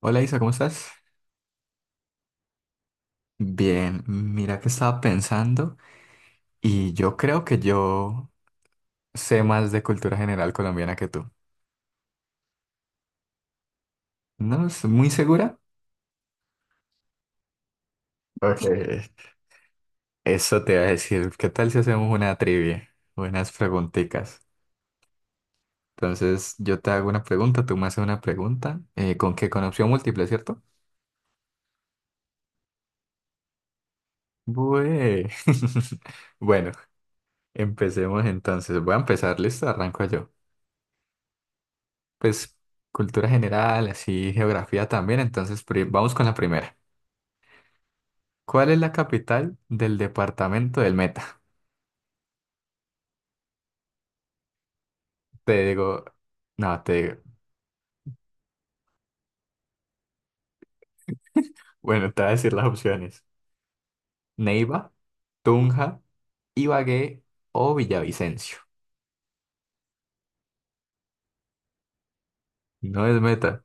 Hola Isa, ¿cómo estás? Bien, mira que estaba pensando y yo creo que yo sé más de cultura general colombiana que tú. ¿No es muy segura? Ok. Eso te iba a decir, ¿qué tal si hacemos una trivia? Buenas preguntitas. Entonces yo te hago una pregunta, tú me haces una pregunta, con que con opción múltiple, ¿cierto? Bue. Bueno, empecemos entonces. Voy a empezar, listo, arranco yo. Pues cultura general, así geografía también, entonces vamos con la primera. ¿Cuál es la capital del departamento del Meta? Te digo, no, te digo, bueno, te voy a decir las opciones. Neiva, Tunja, Ibagué o Villavicencio. No es Meta.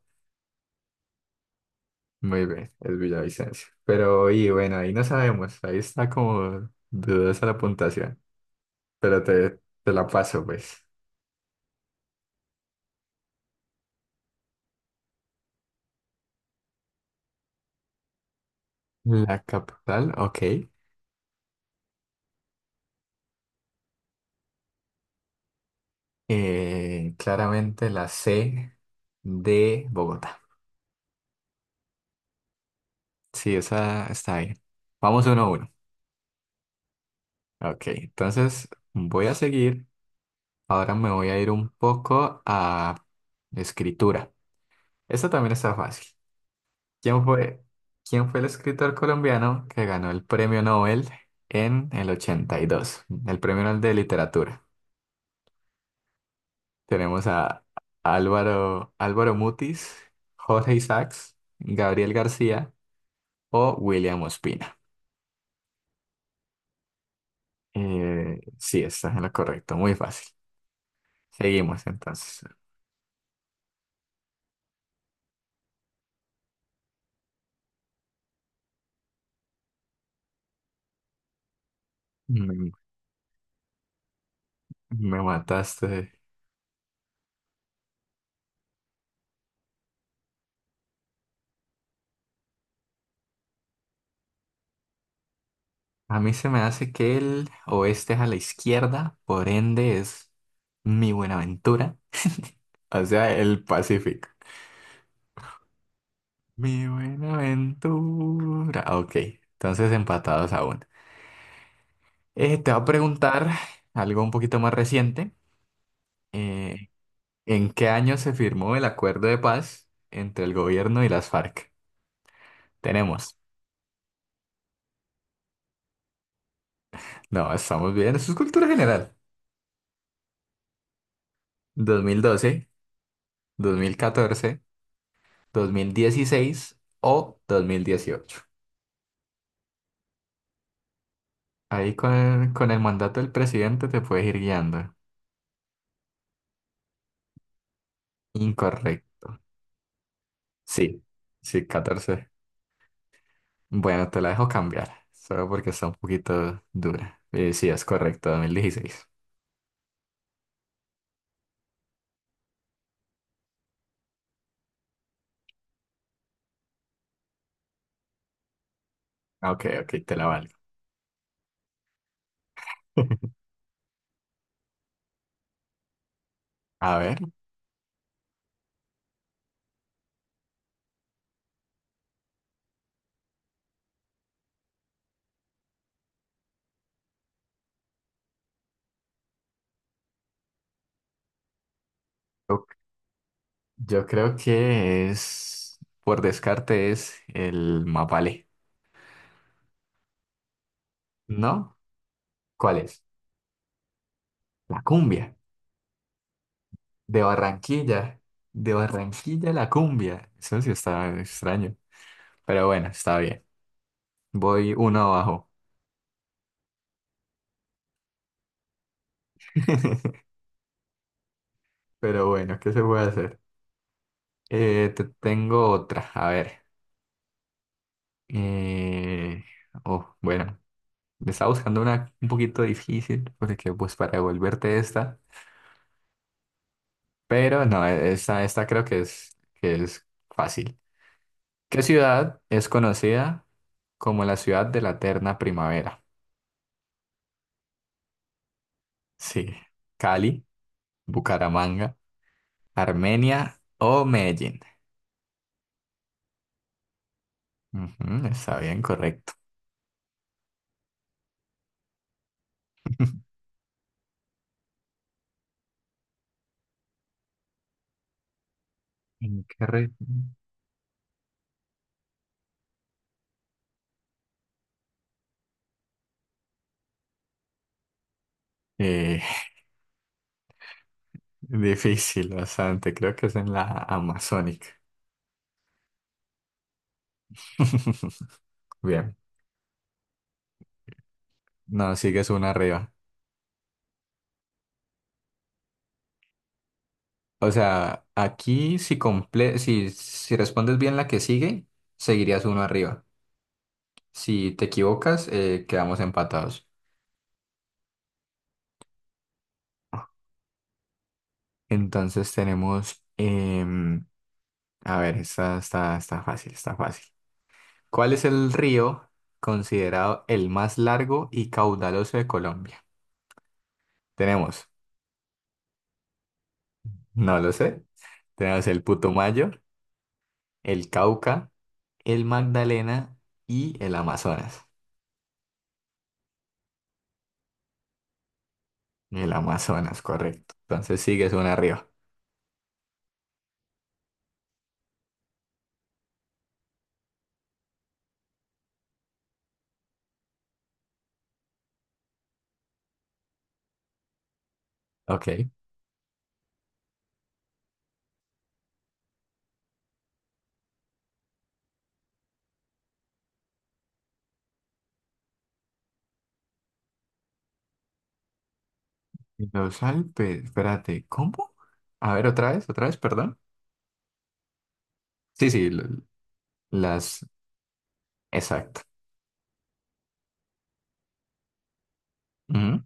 Muy bien, es Villavicencio. Pero, y bueno, ahí no sabemos, ahí está como dudosa la puntuación, pero te la paso, pues. La capital, ok. Claramente la C de Bogotá. Sí, esa está bien. Vamos uno a uno. Ok, entonces voy a seguir. Ahora me voy a ir un poco a escritura. Esta también está fácil. ¿Quién fue, quién fue el escritor colombiano que ganó el premio Nobel en el 82? El premio Nobel de literatura. Tenemos a Álvaro Mutis, Jorge Isaacs, Gabriel García o William Ospina. Sí, estás en lo correcto, muy fácil. Seguimos entonces. Me, me mataste. A mí se me hace que el oeste es a la izquierda, por ende es mi Buenaventura. O sea, el Pacífico. Mi Buenaventura. Ok, entonces empatados aún. Te voy a preguntar algo un poquito más reciente. Eh, ¿En qué año se firmó el acuerdo de paz entre el gobierno y las FARC? Tenemos. No, estamos bien. Eso es cultura general. Dos mil doce, 2014, 2016 o 2018. Ahí con con el mandato del presidente te puedes ir guiando. Incorrecto. Sí, sí, 14. Bueno, te la dejo cambiar, solo porque está un poquito dura. Sí, es correcto, 2016. Ok, ok, te la valgo. A ver, yo, yo creo que es, por descarte, es el mapale. ¿No? ¿Cuál es? La cumbia. De Barranquilla, de Barranquilla a la cumbia. Eso sí está extraño. Pero bueno, está bien. Voy uno abajo. Pero bueno, ¿qué se puede hacer? Te tengo otra. A ver. Eh, Oh, bueno. Me estaba buscando una un poquito difícil porque pues para devolverte esta. Pero no, esta creo que es fácil. ¿Qué ciudad es conocida como la ciudad de la eterna primavera? Sí. Cali, Bucaramanga. Armenia o Medellín. Ujú, está bien, correcto. ¿En qué región? Eh, difícil, bastante. Creo que es en la Amazónica. Bien. No, sigues una arriba. O sea, aquí si, comple si, si respondes bien la que sigue, seguirías uno arriba. Si te equivocas, quedamos empatados. Entonces tenemos, em, a ver, está fácil. ¿Cuál es el río considerado el más largo y caudaloso de Colombia? Tenemos, no lo sé, tenemos el Putumayo, el Cauca, el Magdalena y el Amazonas. El Amazonas, correcto. Entonces sigues una arriba. Ok. Y los Alpes, espérate, ¿cómo? A ver, otra vez, perdón. Sí, sí, las, exacto. Ujú,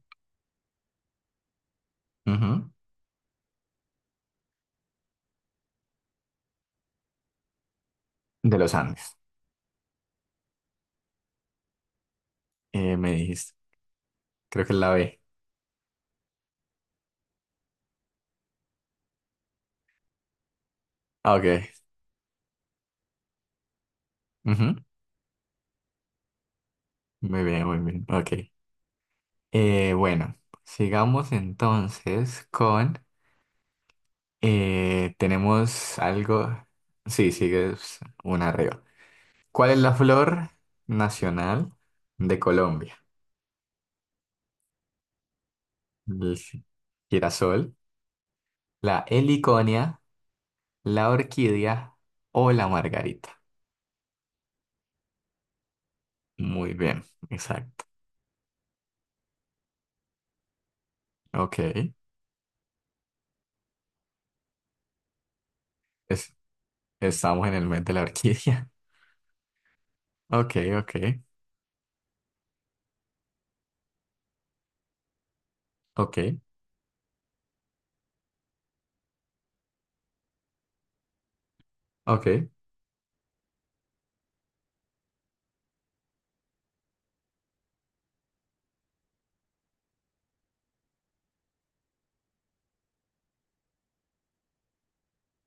ujú. De los Andes, me dijiste. Creo que es la B. Ah, ok. Ujú. Muy bien, muy bien. Ok. Bueno, sigamos entonces con, tenemos algo. Sí, sigue una arriba. ¿Cuál es la flor nacional de Colombia? ¿El girasol, la heliconia, la orquídea o la margarita? Muy bien, exacto. Ok. Es- estamos en el mes de la orquídea. Ok, ok, ok, ok.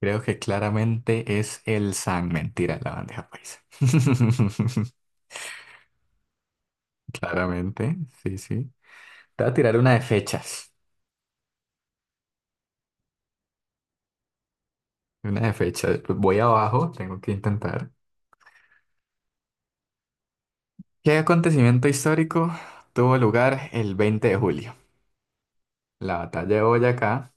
Creo que claramente es el San. Mentira, la bandeja paisa. Claramente, sí, sí. Te voy a tirar una de fechas. Una de fechas. Voy abajo, tengo que intentar. ¿Qué acontecimiento histórico tuvo lugar el 20 de julio? ¿La batalla de Boyacá,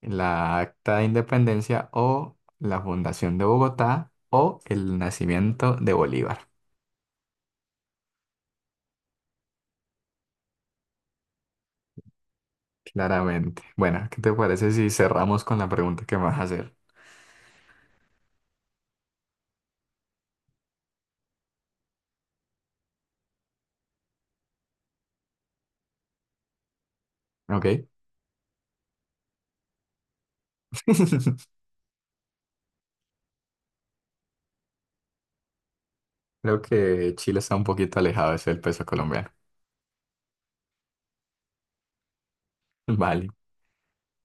la Acta de Independencia o la fundación de Bogotá o el nacimiento de Bolívar? Claramente. Bueno, ¿qué te parece si cerramos con la pregunta que me vas a hacer? ¿Ok? Creo que Chile está un poquito alejado de ser el peso colombiano. Vale,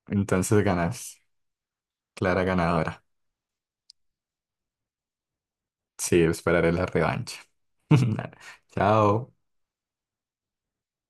entonces ganas. Clara ganadora. Sí, esperaré la revancha. Chao.